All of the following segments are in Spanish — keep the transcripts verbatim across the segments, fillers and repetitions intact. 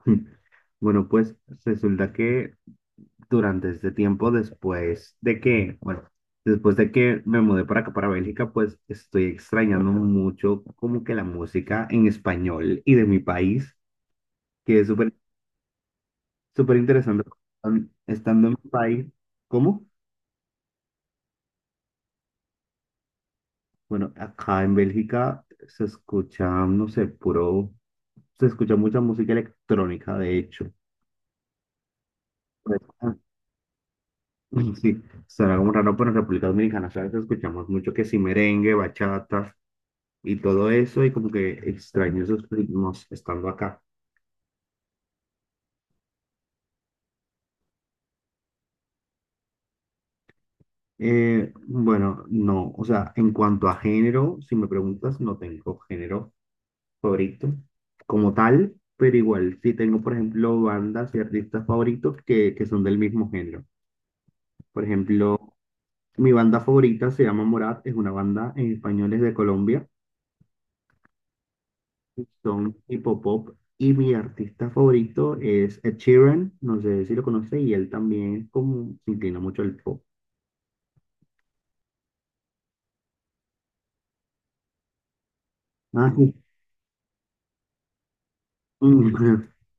Bueno, pues resulta que durante este tiempo, después de que, bueno, después de que me mudé para acá, para Bélgica, pues estoy extrañando mucho como que la música en español y de mi país, que es súper, súper interesante. Am- Estando en mi país, ¿cómo? Bueno, acá en Bélgica se escucha, no sé, puro, se escucha mucha música electrónica, de hecho. Pues, sí, será como raro, pero en República Dominicana, ¿sabes? Escuchamos mucho que si merengue, bachata y todo eso, y como que extraño esos ritmos estando acá. Eh, bueno, no, o sea, en cuanto a género, si me preguntas, no tengo género favorito como tal, pero igual sí tengo, por ejemplo, bandas y artistas favoritos que, que son del mismo género. Por ejemplo, mi banda favorita se llama Morat, es una banda en español, es de Colombia. Son hip hop y mi artista favorito es Ed Sheeran, no sé si lo conoce, y él también es como se inclina mucho al pop. Ah, sí. Mm,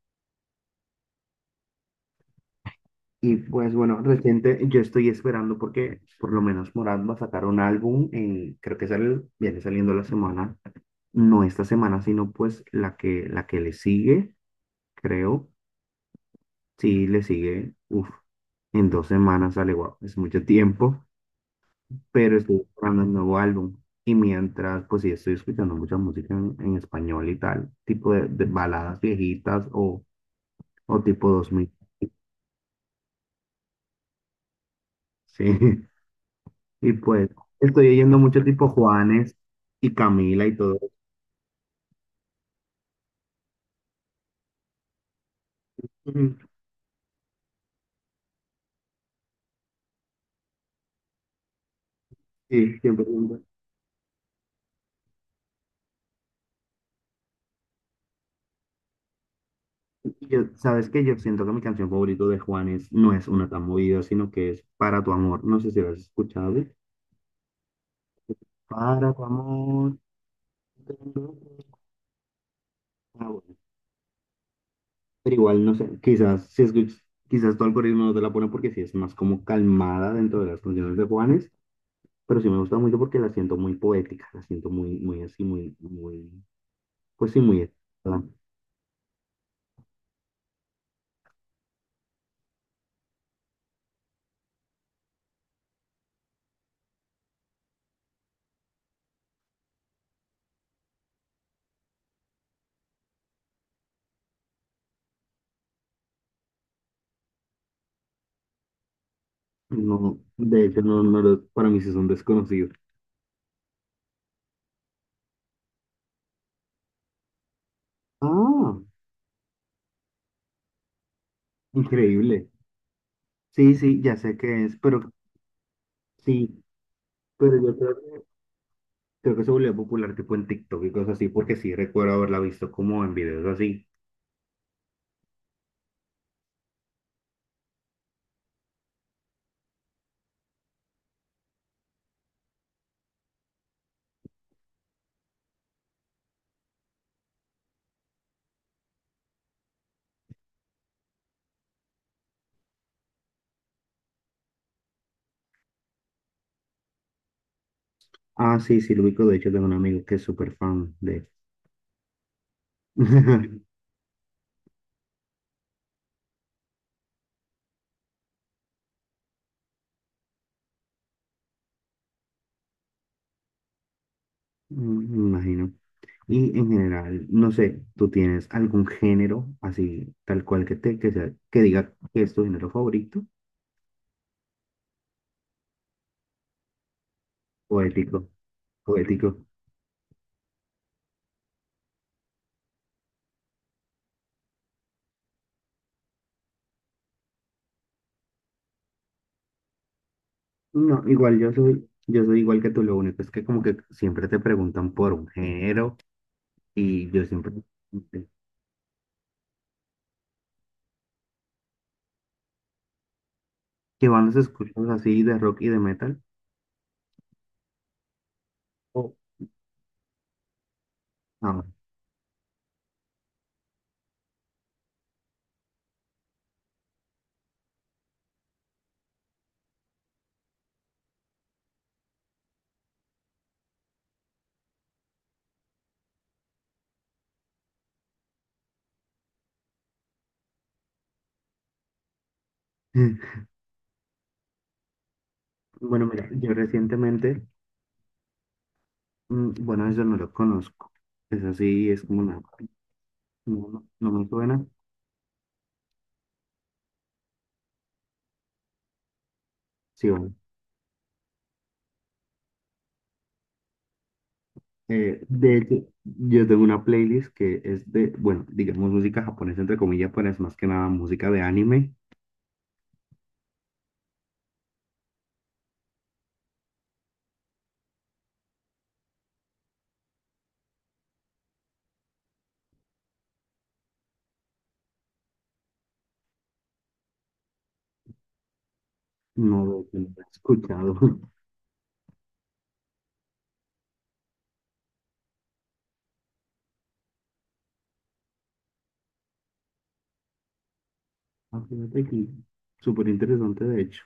y pues bueno, reciente yo estoy esperando porque por lo menos Morat va a sacar un álbum, en- creo que sale, viene saliendo la semana, no esta semana, sino pues la que, la que le sigue, creo, sí le sigue, uff, en dos semanas sale, wow, es mucho tiempo. Pero estoy esperando el nuevo álbum. Y mientras, pues sí, estoy escuchando mucha música en, en español y tal, tipo de, de baladas viejitas o, o tipo dos mil. Sí, y pues estoy oyendo mucho tipo Juanes y Camila y todo. Ujú. Sí, siempre. Siempre. Y yo, sabes que yo siento que mi canción favorita de Juanes no es una tan movida, sino que es Para tu amor. No sé si lo has escuchado. Para tu amor. Ah, bueno. Pero igual, no sé, quizás, si escuch- quizás tu algoritmo no te la pone porque sí es más como calmada dentro de las canciones de Juanes, pero sí me gusta mucho porque la siento muy poética, la siento muy, muy así, muy, muy, pues sí, muy... ¿verdad? No, de hecho, no, no, lo- para mí sí son desconocidos. Ah, increíble. Sí, sí, ya sé qué es, pero sí, pero yo creo, creo que se volvió popular tipo en TikTok y cosas así, porque sí recuerdo haberla visto como en videos así. Ah, sí, sí, lo ubico, de hecho tengo un amigo que es súper fan de... Mm, me imagino. Y en general, no sé, ¿tú tienes algún género así, tal cual que te, que sea, que diga que es tu género favorito? Poético, poético. No, igual yo soy, yo soy igual que tú, lo único es que como que siempre te preguntan por un género y yo siempre que van los escuchas así de rock y de metal. O ah, bueno, mira, yo recientemente, mm, bueno, eso no lo conozco. Es así, es como una, no, no no me suena. Sí, bueno. Eh, de hecho, yo tengo una playlist que es de, bueno, digamos música japonesa, entre comillas, pero es más que nada música de anime. No lo que no he escuchado. Ah, fíjate que súper interesante, de hecho.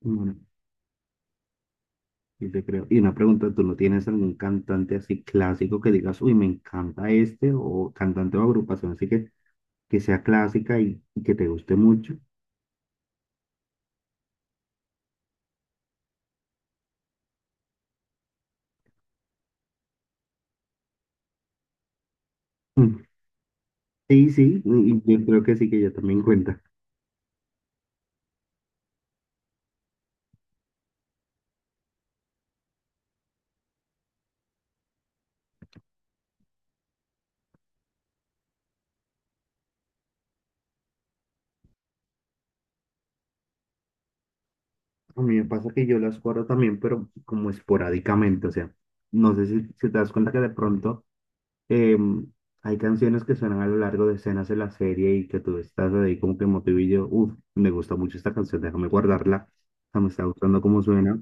Bueno, y te creo. Y una pregunta, ¿tú no tienes algún cantante así clásico que digas, uy, me encanta este, o cantante o agrupación así que, que sea clásica y, y que te guste mucho? Mm. Sí, sí, y y yo creo que sí, que yo también cuenta. A mí me pasa que yo las guardo también, pero como esporádicamente, o sea, no sé si, si te das cuenta que de pronto em, hay canciones que suenan a lo largo de escenas de la serie y que tú estás ahí como que motivillo, uff, me gusta mucho esta canción, déjame guardarla, o sea, me está gustando cómo suena.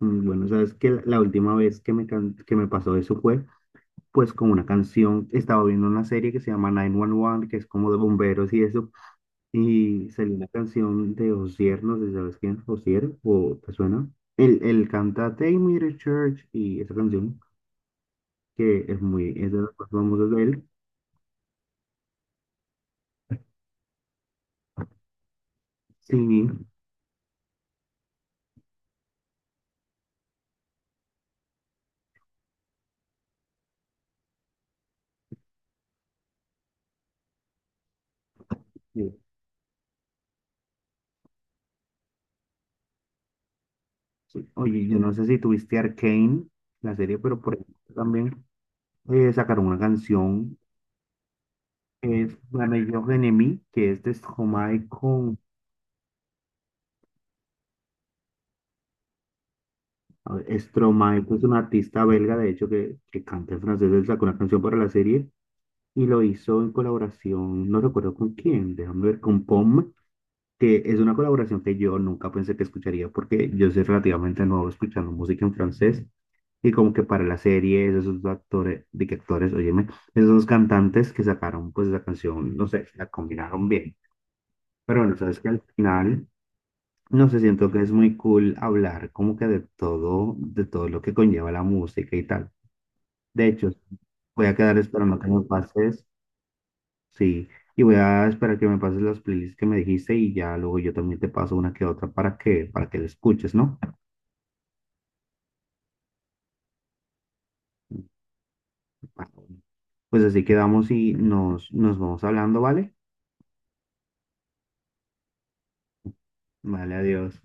Mm, bueno, sabes que la la última vez que me, can- que me pasó eso fue pues con una canción, estaba viendo una serie que se llama nueve once, que es como de bomberos y eso, y salió una canción de Osier, no sé si sabes quién, Osier, o te suena. Él, él canta Take Me to Church y esa canción, que es muy, es de las más famosas de él. Sí, sí, sí. Oye, yo no sé si tuviste Arcane, la serie, pero por ejemplo también eh, sacaron una canción, es Rage of Enemy, que es de Stromae con. A ver, Stromae que es un artista belga, de hecho, que, que canta en francés, él sacó una canción para la serie y lo hizo en colaboración, no recuerdo con quién, déjame ver, con P O M, que es una colaboración que yo nunca pensé que escucharía porque yo soy relativamente nuevo escuchando música en francés y como que para la serie esos dos actores, de que actores, óyeme, esos dos cantantes que sacaron pues la canción, no sé, la combinaron bien, pero bueno, sabes que al final... No sé, siento que es muy cool hablar como que de todo, de todo lo que conlleva la música y tal. De hecho, voy a quedar esperando que me pases. Sí, y voy a esperar que me pases las playlists que me dijiste y ya luego yo también te paso una que otra para que, para que la escuches, ¿no? Pues así quedamos y nos, nos vamos hablando, ¿vale? Vale, adiós.